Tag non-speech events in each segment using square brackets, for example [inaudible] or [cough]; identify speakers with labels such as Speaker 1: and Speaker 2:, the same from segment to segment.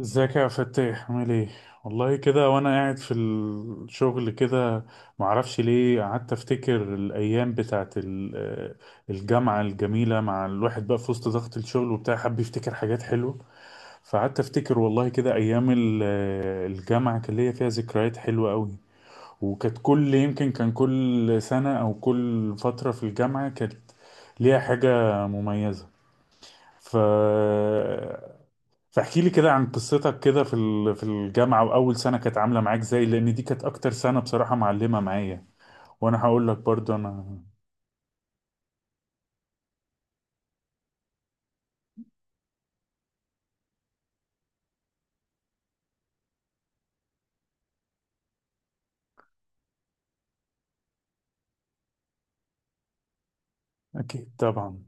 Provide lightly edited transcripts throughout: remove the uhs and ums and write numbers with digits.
Speaker 1: ازيك يا فتاح؟ عامل ايه؟ والله كده وانا قاعد في الشغل كده، معرفش ليه قعدت افتكر الايام بتاعت الجامعة الجميلة. مع الواحد بقى في وسط ضغط الشغل وبتاع حب يفتكر حاجات حلوة. فقعدت افتكر والله كده ايام الجامعة، كان ليا فيها ذكريات حلوة قوي. وكانت كل، يمكن كان كل سنة او كل فترة في الجامعة كانت ليها حاجة مميزة. ف فاحكي لي كده عن قصتك كده في في الجامعة، وأول سنة كانت عاملة معاك ازاي؟ لأن دي كانت أكتر سنة بصراحة معلمة معايا، وأنا هقول لك برضو أنا. أكيد طبعا.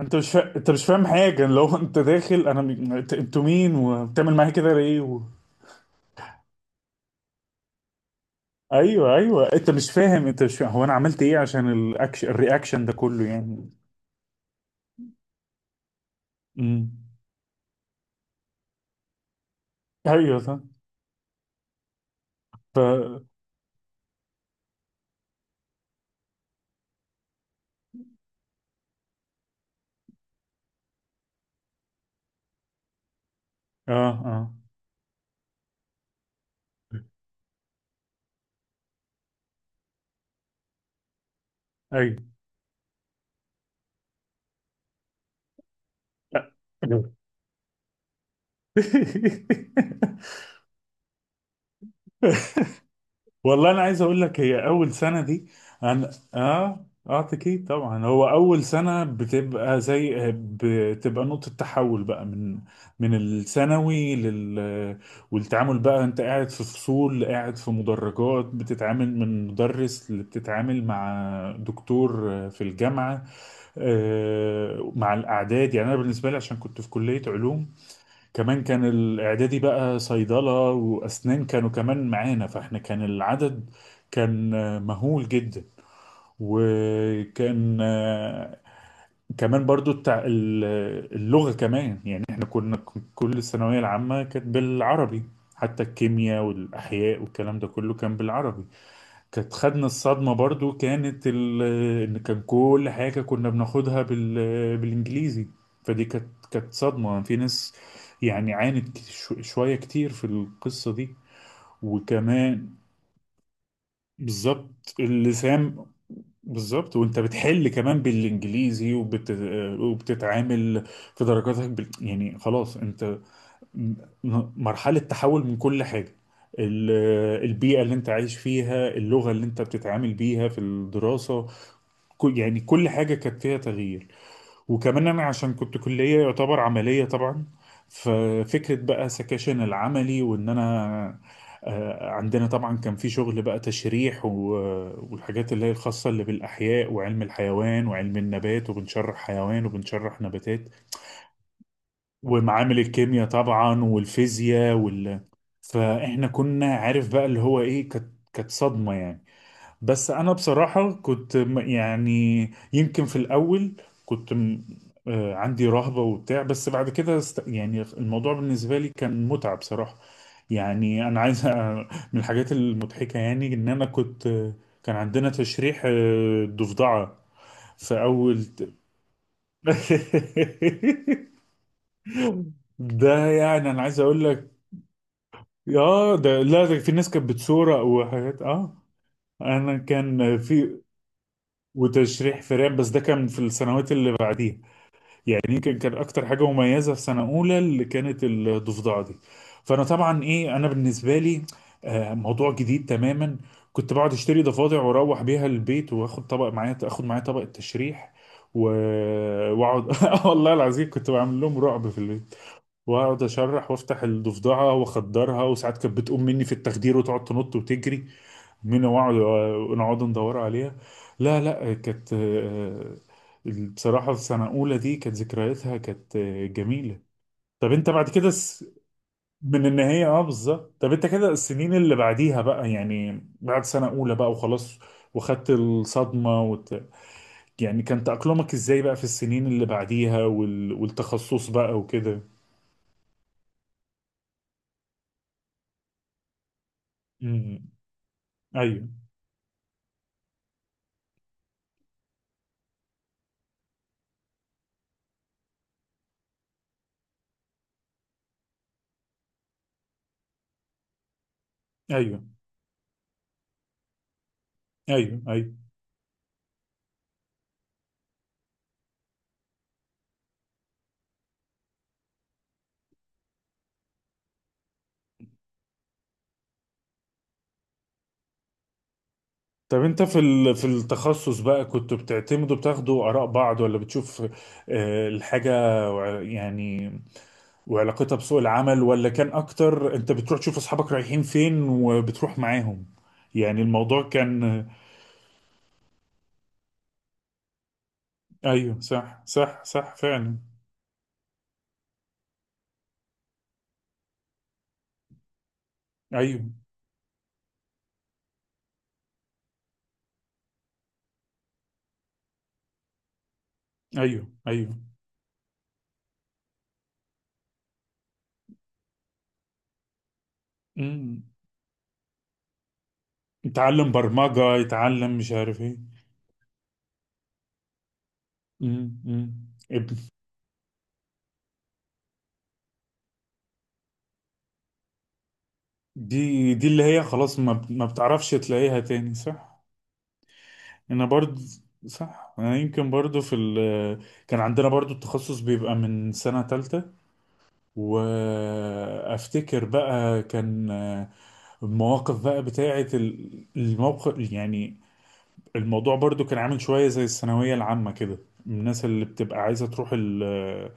Speaker 1: أنت مش فاهم حاجة لو [laughs] أنت داخل؟ أنتوا مين؟ وبتعمل معايا كده ليه و...؟ أيوه أيوه، أنت مش فاهم هو أنا عملت إيه عشان الأكشن الرياكشن ده كله يعني؟ امم أيوه صح. ف آه آه. أيوه. [laughs] والله انا عايز اقول لك، هي اول سنه دي انا، اكيد طبعا، هو اول سنه بتبقى، زي بتبقى نقطه تحول بقى من، من الثانوي لل، والتعامل بقى انت قاعد في فصول، قاعد في مدرجات، بتتعامل من مدرس اللي بتتعامل مع دكتور في الجامعه. مع الاعداد، يعني انا بالنسبه لي عشان كنت في كليه علوم، كمان كان الإعدادي بقى صيدلة وأسنان كانوا كمان معانا، فإحنا كان العدد كان مهول جدا. وكان كمان برضو اللغة، كمان يعني إحنا كنا كل الثانوية العامة كانت بالعربي، حتى الكيمياء والأحياء والكلام ده كله كان بالعربي. كانت خدنا الصدمة برضو ان كان كل حاجة كنا بناخدها بالانجليزي. فدي كانت صدمة في ناس، يعني عانت شوية كتير في القصة دي. وكمان، بالظبط اللسان، بالظبط. وانت بتحل كمان بالانجليزي، وبتتعامل في درجاتك بال، يعني خلاص انت م- مرحلة تحول من كل حاجة، ال- البيئة اللي انت عايش فيها، اللغة اللي انت بتتعامل بيها في الدراسة، يعني كل حاجة كانت فيها تغيير. وكمان أنا عشان كنت كلية يعتبر عملية طبعا، ففكرة بقى سكاشن العملي، وإن أنا عندنا طبعا كان في شغل بقى تشريح والحاجات اللي هي الخاصة اللي بالأحياء، وعلم الحيوان وعلم النبات، وبنشرح حيوان وبنشرح نباتات، ومعامل الكيمياء طبعا، والفيزياء فاحنا كنا عارف بقى اللي هو ايه، كانت صدمة يعني. بس انا بصراحة كنت يعني يمكن في الاول كنت عندي رهبة وبتاع، بس بعد كده يعني الموضوع بالنسبة لي كان متعة بصراحة. يعني انا عايز [laughs] من الحاجات المضحكة يعني ان انا كنت، كان عندنا تشريح ضفدعة في اول. [laughs] ده يعني انا عايز اقول لك، اه ده لا، ده في ناس كانت بتصورة وحاجات، اه انا كان في، وتشريح فئران بس ده كان في السنوات اللي بعديها. يعني يمكن كان اكتر حاجة مميزة في سنة اولى اللي كانت الضفدعة دي. فانا طبعا ايه، انا بالنسبة لي آه موضوع جديد تماما. كنت بقعد اشتري ضفادع واروح بيها البيت، واخد طبق معايا، اخد معايا طبق التشريح واقعد. [laughs] والله العظيم كنت بعمل لهم رعب في البيت، واقعد اشرح وافتح الضفدعه واخدرها، وساعات كانت بتقوم مني في التخدير وتقعد تنط وتجري مني، واقعد نقعد ندور عليها. لا لا، كانت بصراحه في سنه اولى دي كانت ذكرياتها كانت جميله. طب انت بعد كده من النهايه، اه بالظبط. طب انت كده السنين اللي بعديها بقى، يعني بعد سنه اولى بقى وخلاص، وخدت الصدمه يعني كان تأقلمك ازاي بقى في السنين اللي بعديها والتخصص بقى وكده؟ امم ايوه ايوه ايوه ايوه. طب انت في ال- في التخصص بقى كنت بتعتمدوا بتاخدوا اراء بعض ولا بتشوف آه، الحاجه وع- يعني وعلاقتها بسوق العمل ولا كان اكتر انت بتروح تشوف اصحابك رايحين فين وبتروح معاهم يعني الموضوع كان ايوه صح صح صح فعلا ايوه ايوه ايوه امم يتعلم برمجة، يتعلم مش عارف ايه. أمم. اب- دي اللي هي خلاص، ما بتعرفش تلاقيها تاني صح؟ انا برضه، صح. انا يمكن برضه في ال كان عندنا برضه التخصص بيبقى من سنة تالتة. وافتكر بقى كان المواقف بقى بتاعة الموقف، يعني الموضوع برضه كان عامل شوية زي الثانوية العامة كده. الناس اللي بتبقى عايزة تروح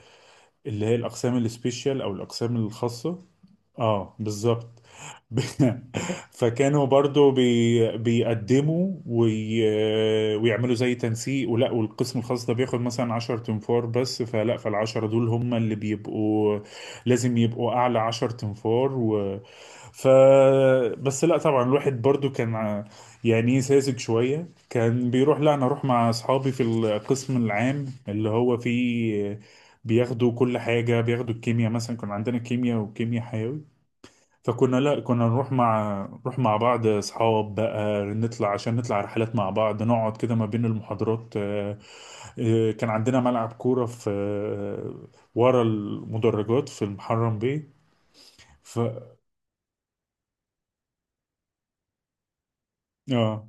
Speaker 1: اللي هي الأقسام السبيشال أو الأقسام الخاصة، اه بالظبط. ب- [laughs] فكانوا برضو بيقدموا ويعملوا زي تنسيق ولا، والقسم الخاص ده بياخد مثلا 10 تنفار بس، فالعشرة دول هم اللي بيبقوا لازم يبقوا أعلى 10 تنفار و... ف، بس لا طبعا الواحد برضو كان يعني ساذج شوية، كان بيروح لا أنا أروح مع أصحابي في القسم العام اللي هو فيه بياخدوا كل حاجة، بياخدوا الكيمياء مثلا، كان عندنا كيمياء وكيمياء حيوي. فكنا لا كنا نروح مع، نروح مع بعض اصحاب بقى، نطلع عشان نطلع رحلات مع بعض، نقعد كده ما بين المحاضرات. كان عندنا ملعب كورة في ورا المدرجات في المحرم بيه. ف اه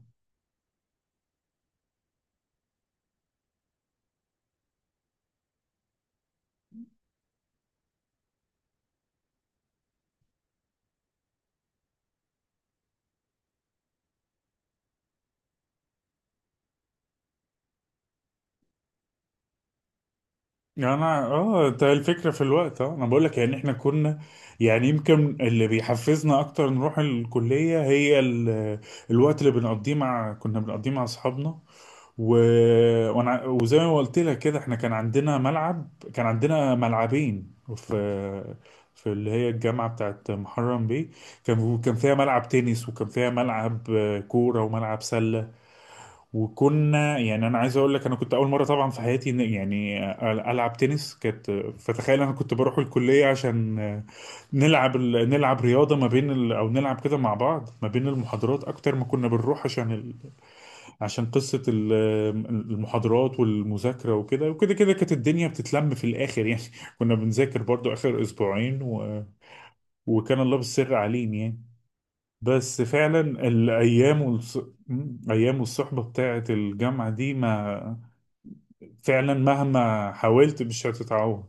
Speaker 1: يعني انا، اه ده الفكرة في الوقت، اه انا بقول لك يعني احنا كنا، يعني يمكن اللي بيحفزنا اكتر نروح الكلية هي الوقت اللي بنقضيه مع، كنا بنقضيه مع اصحابنا. و... وانا وزي ما قلت لك كده، احنا كان عندنا ملعب، كان عندنا ملعبين في، في اللي هي الجامعة بتاعت محرم بيه. كان فيها ملعب تنس، وكان فيها ملعب كورة وملعب سلة. وكنا، يعني انا عايز اقول لك انا كنت اول مرة طبعا في حياتي يعني العب تنس كانت. فتخيل انا كنت بروح الكلية عشان نلعب نلعب رياضة ما بين او نلعب كده مع بعض ما بين المحاضرات، اكتر ما كنا بنروح عشان، عشان قصة المحاضرات والمذاكرة وكده وكده، كده كانت الدنيا بتتلم في الآخر يعني. [laughs] كنا بنذاكر برضو آخر أسبوعين، و... وكان الله بالسر عليم يعني. بس فعلا الأيام أيام والصحبة بتاعة الجامعة دي، ما فعلا مهما حاولت مش هتتعوض.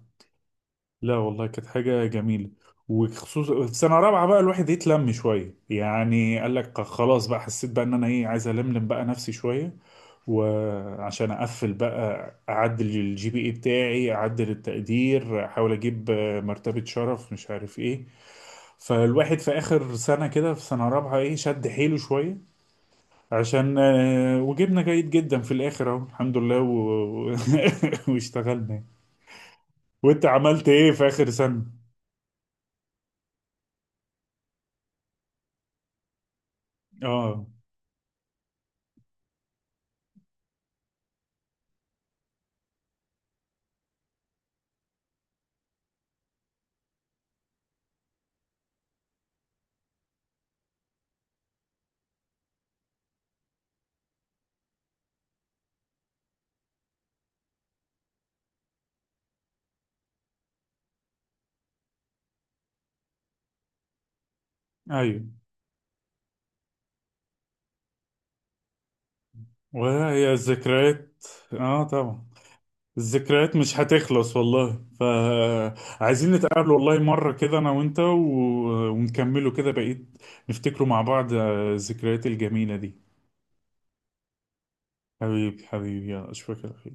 Speaker 1: لا والله كانت حاجة جميلة. وخصوصا في سنة رابعة بقى الواحد يتلم شوية، يعني قال لك خلاص بقى، حسيت بقى ان انا ايه عايز الملم بقى نفسي شوية، وعشان اقفل بقى اعدل الجي بي اي بتاعي، اعدل التقدير، احاول اجيب مرتبة شرف مش عارف ايه. فالواحد في اخر سنة كده، في سنة رابعة ايه شد حيله شوية، عشان وجبنا جيد جدا في الاخر اهو الحمد لله. و... [laughs] واشتغلنا يعني. وانت عملت ايه في اخر سنة؟ اه. ايوه. وهي الذكريات. اه طبعا. الذكريات مش هتخلص والله، فعايزين نتقابل والله مرة كده انا وانت، و... ونكمله كده بقيت، نفتكره مع بعض الذكريات الجميلة دي. حبيبي حبيبي، يا اشوفك على خير.